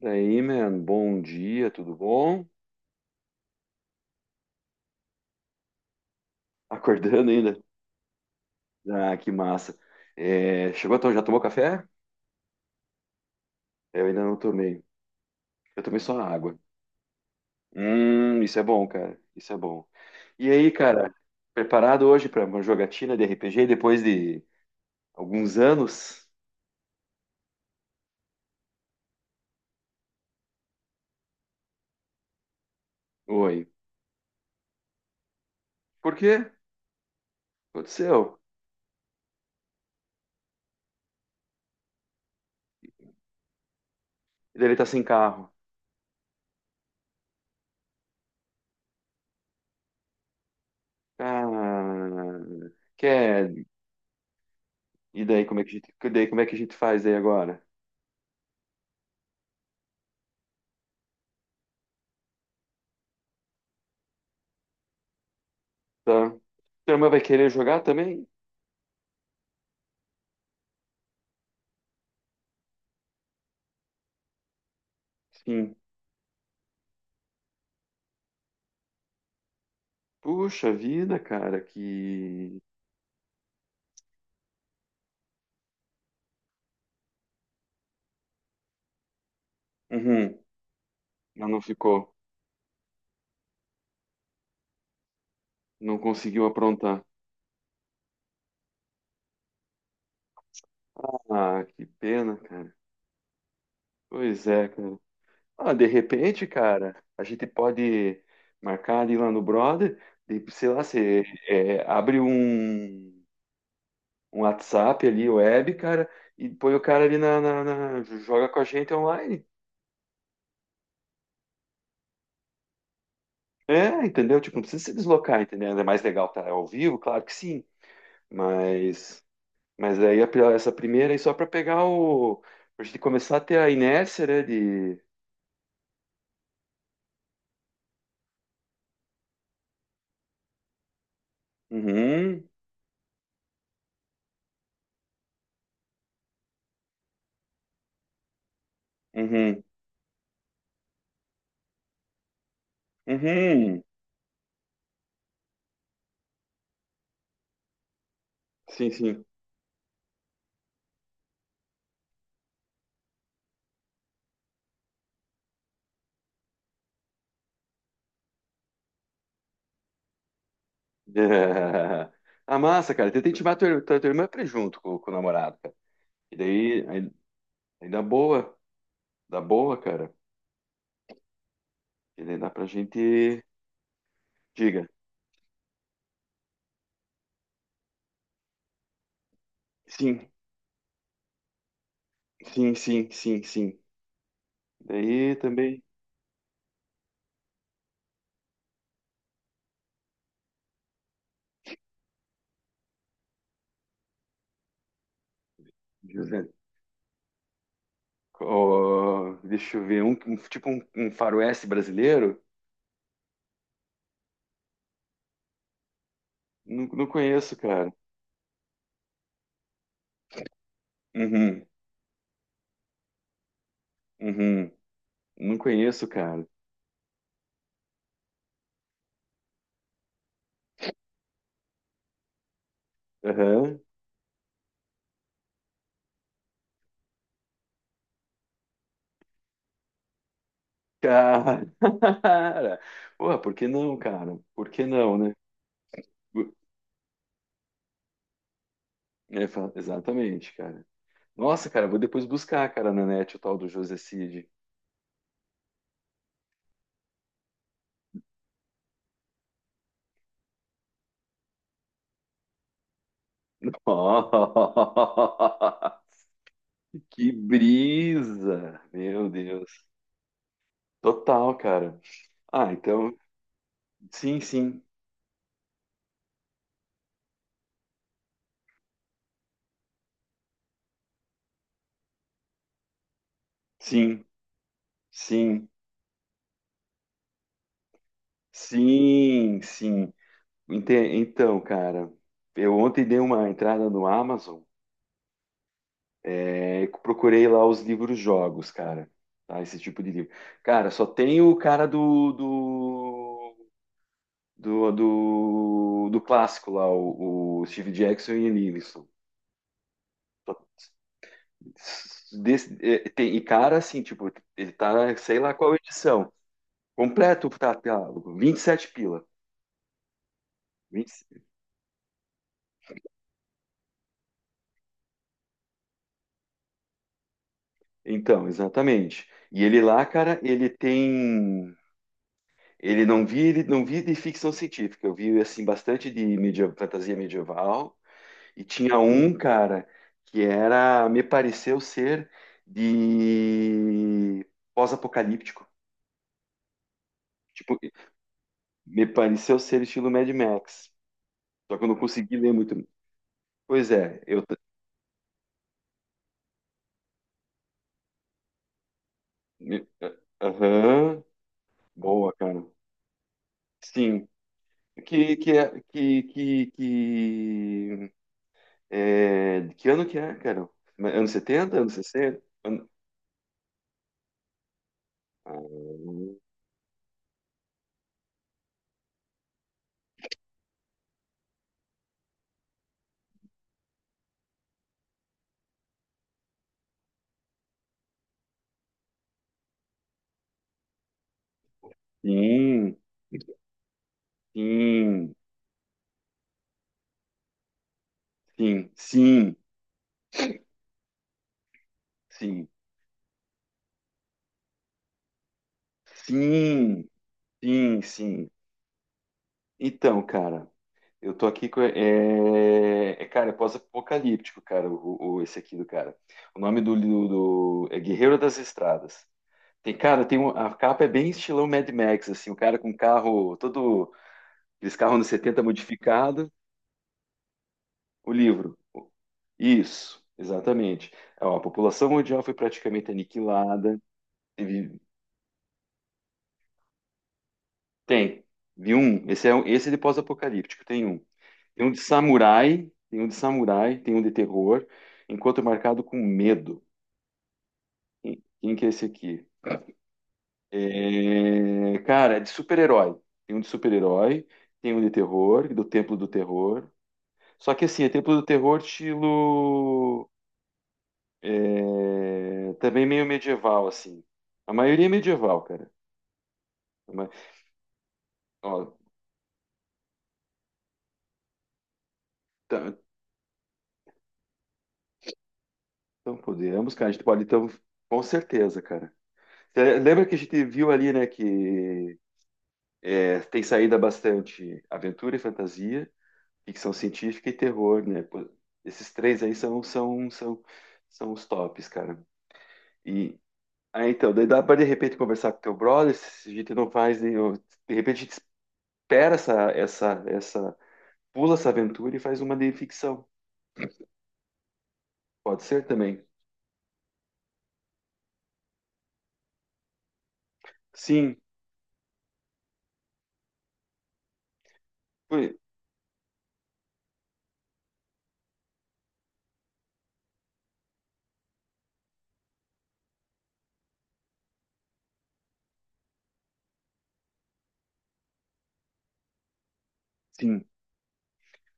E aí, man, bom dia, tudo bom? Acordando ainda? Ah, que massa. É, chegou então, já tomou café? Eu ainda não tomei. Eu tomei só água. Isso é bom, cara. Isso é bom. E aí, cara, preparado hoje para uma jogatina de RPG depois de alguns anos? Oi. Por quê? O que aconteceu. E daí ele tá sem carro. Ah, quer? E daí como é que a gente faz aí agora? Tá. Tua irmã vai querer jogar também? Sim. Puxa vida, cara, que uhum. Ela não ficou, não conseguiu aprontar. Ah, que pena, cara. Pois é, cara. Ah, de repente, cara, a gente pode marcar ali lá no brother, de, sei lá, você é, abre um, um WhatsApp ali, web, cara, e põe o cara ali na, na- na- joga com a gente online. É, entendeu? Tipo, não precisa se deslocar, entendeu? É mais legal tá ao vivo, claro que sim, mas. Mas aí a pri- essa primeira aí só para pegar o. Pra gente começar a ter a inércia, né? De. Uhum, uhum, uhum. Sim, sim. É. Ah, massa, cara. Tenta intimar tua irmã pra ir junto com o namorado, cara. E daí, aí, aí dá boa, cara. E daí dá pra gente. Diga. Sim, sim, sim, sim, sim. Daí também. José. Ó, deixa eu ver. Um- tipo um, um faroeste brasileiro? Não, não conheço, cara. Uhum. Uhum. Não conheço, cara. Aham. Cara. Porra, por que não, cara? Por que não, né? Bu- é, fa- exatamente, cara. Nossa, cara, vou depois buscar, cara, na net o tal do José Cid. Que brisa! Meu Deus. Total, cara. Ah, então, sim, sim, sim, sim, sim, sim. Ente- Então, cara, eu ontem dei uma entrada no Amazon. É, procurei lá os livros jogos, cara. Tá? Esse tipo de livro. Cara, só tem o cara do clássico lá, o Steve Jackson e Nilsson. Só- desse- é, tem, e cara, assim, tipo, ele tá, sei lá qual edição. Completo o catálogo, 27 pila. 20 então, exatamente. E ele lá, cara, ele tem. Ele não vi de ficção científica. Eu vi assim bastante de media, fantasia medieval. E tinha um, cara, que era, me pareceu ser de pós-apocalíptico. Tipo, me pareceu ser estilo Mad Max. Só que eu não consegui ler muito. Pois é, eu. T- me- aham, boa, cara. Sim. Que, é, de que ano que é, cara? Ma- Anos 70 anos 60? Ano- Ah, sim, sim, sim, sim, sim. Sim, sim, sim. Então, cara, eu tô aqui com. É, é, cara, é pós-apocalíptico, cara, o- esse aqui do cara. O nome do, do, do- é Guerreiro das Estradas. Tem, cara, tem um, a capa é bem estilão Mad Max, assim, o cara com carro, todo aqueles carros anos 70 modificado. O livro. Isso, exatamente. Ó, a população mundial foi praticamente aniquilada. Teve- tem. Vi um. Esse é, um- esse é de pós-apocalíptico, tem um. Tem um de samurai, tem um de samurai, tem um de terror. Encontro marcado com medo. Quem, quem que é esse aqui? É, cara, é de super-herói. Tem um de super-herói, tem um de terror, do Templo do Terror. Só que assim, é Templo do Terror estilo é, também meio medieval, assim. A maioria é medieval, cara. Mas, ó, tá- então podemos, cara. A gente pode, então, com certeza, cara. Cê lembra que a gente viu ali, né, que é, tem saída bastante aventura e fantasia, ficção científica e terror, né? Pô, esses três aí são, são, são, são os tops, cara. E aí, então, daí dá para de repente conversar com teu brother, se a gente não faz nenhum. De repente a gente espera pula essa aventura e faz uma de ficção. Pode ser também. Sim, foi- sim,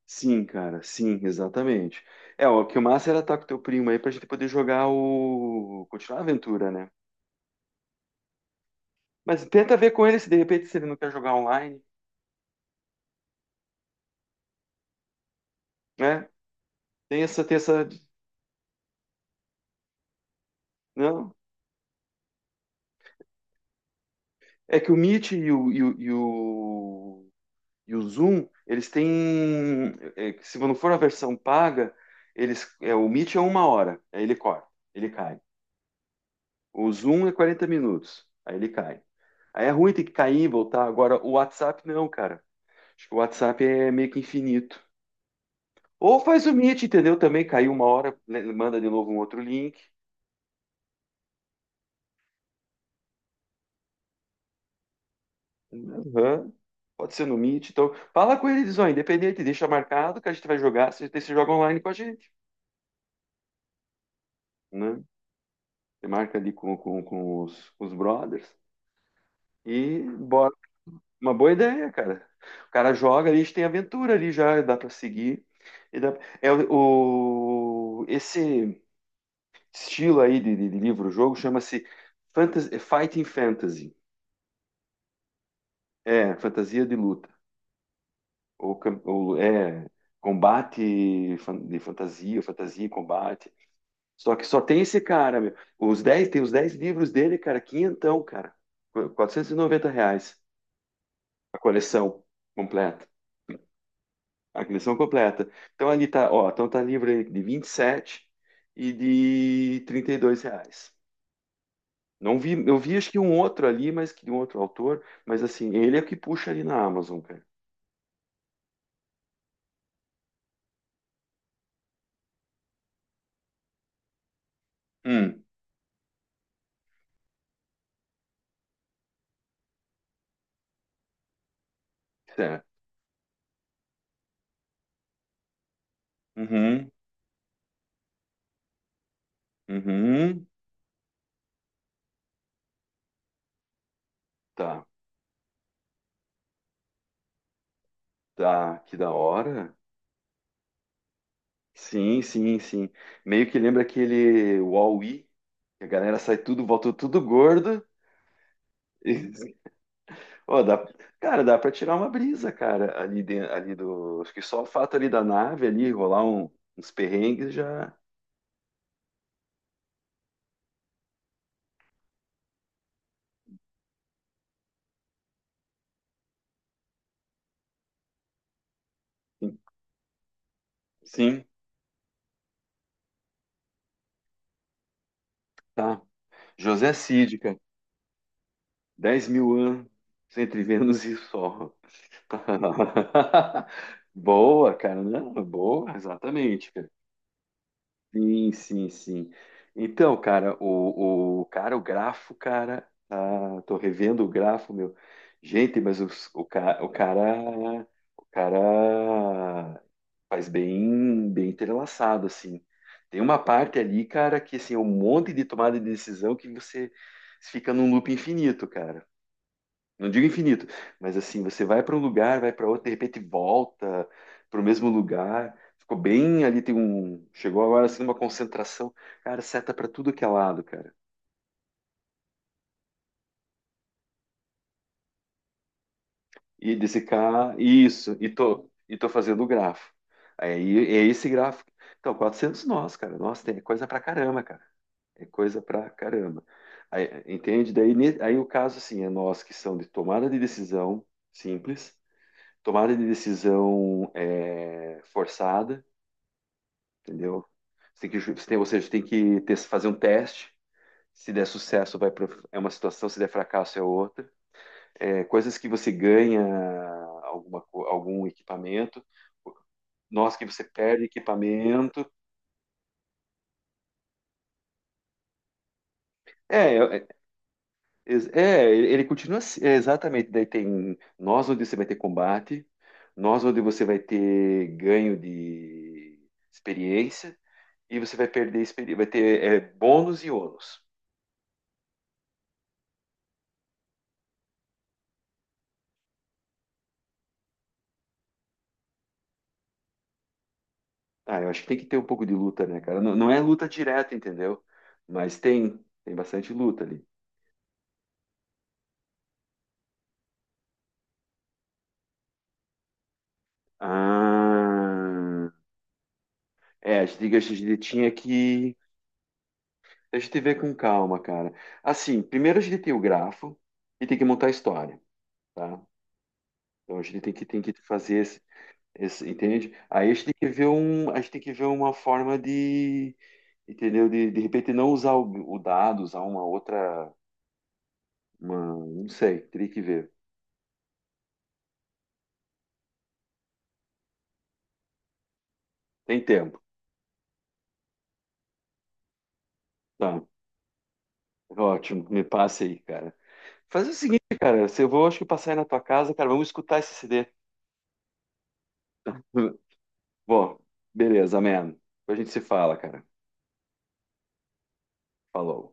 sim, cara, sim, exatamente. É, o que o massa era estar com teu primo aí pra gente poder jogar o. Continuar a aventura, né? Mas tenta ver com ele se de repente se ele não quer jogar online, né? Tem essa, não? É que o Meet e e o Zoom, eles têm, é, que se não for a versão paga, eles, é, o Meet é uma hora, aí ele corta, ele cai. O Zoom é 40 minutos, aí ele cai. Aí é ruim ter que cair e voltar. Agora, o WhatsApp não, cara. Acho que o WhatsApp é meio que infinito. Ou faz o Meet, entendeu? Também caiu uma hora, né, manda de novo um outro link. Aham. Pode ser no Meet. Então, fala com eles, ó, independente, deixa marcado que a gente vai jogar, você, você joga online com a gente, né? Você marca ali com os brothers e bora. Uma boa ideia, cara. O cara joga, a gente tem aventura ali já, dá pra seguir. E dá- é o- esse estilo aí de livro-jogo chama-se fantas- Fighting Fantasy. É, fantasia de luta. Ou, cam- ou é combate fan- de fantasia, fantasia e combate. Só que só tem esse cara, meu. Os 10 tem os 10 livros dele, cara, quinhentão, cara. Qu- R$ 490 a coleção completa. A coleção completa. Então ali tá, ó, então tá livro aí de 27 e de R$ 32. Não vi, eu vi acho que um outro ali, mas que de um outro autor, mas assim, ele é o que puxa ali na Amazon, cara. Hum, certo. Uhum, uhum, tá. Tá, que da hora. Sim, sim, sim. Meio que lembra aquele Wall-E, que a galera sai tudo, volta tudo gordo. E, ó, dá, cara, dá pra tirar uma brisa, cara, ali, de, ali do. Acho que só o fato ali da nave ali, rolar um- uns perrengues já. Sim, tá. José Cid, cara. 10 mil anos entre Vênus e Sol. Boa, cara, né? Boa, exatamente, sim, sim, sim. Então, cara, o cara, o grafo, cara, tá, tô revendo o grafo, meu. Gente, mas os- o, ca- o cara faz bem, bem entrelaçado, assim. Tem uma parte ali, cara, que assim, é um monte de tomada de decisão que você fica num loop infinito, cara. Não digo infinito, mas assim, você vai para um lugar, vai para outro, de repente volta para o mesmo lugar. Ficou bem ali, tem um. Chegou agora assim uma concentração. Cara, seta para tudo que é lado, cara. E desse cá, isso, e tô fazendo o grafo. Aí é esse gráfico. Então, 400 nós, cara. Nossa, tem é coisa pra caramba, cara. É coisa pra caramba. Aí, entende? Daí, ne- aí o caso, assim, é nós que são de tomada de decisão simples, tomada de decisão é, forçada, entendeu? Você tem que, ju- você tem- ou seja, você tem que ter- fazer um teste. Se der sucesso, vai pro- é uma situação, se der fracasso, é outra. É, coisas que você ganha alguma, co- algum equipamento, nós que você perde equipamento. É, ele continua assim, é, exatamente. Daí tem nós onde você vai ter combate, nós onde você vai ter ganho de experiência, e você vai perder experiência, vai ter é, bônus e ônus. Ah, eu acho que tem que ter um pouco de luta, né, cara? Não, não é luta direta, entendeu? Mas tem, tem bastante luta ali. Ah, é, a gente tinha que. A gente vê com calma, cara. Assim, primeiro a gente tem o grafo e tem que montar a história, tá? Então a gente tem que fazer esse, esse- entende? Aí a gente tem que ver um, a gente tem que ver uma forma de, entendeu? De repente não usar o dado, usar uma outra, uma, não sei, teria que ver. Tem tempo, tá? Ótimo, me passa aí, cara. Faz o seguinte, cara, se eu vou, acho que passar aí na tua casa, cara, vamos escutar esse CD. Bom, beleza, man. Depois a gente se fala, cara. Falou.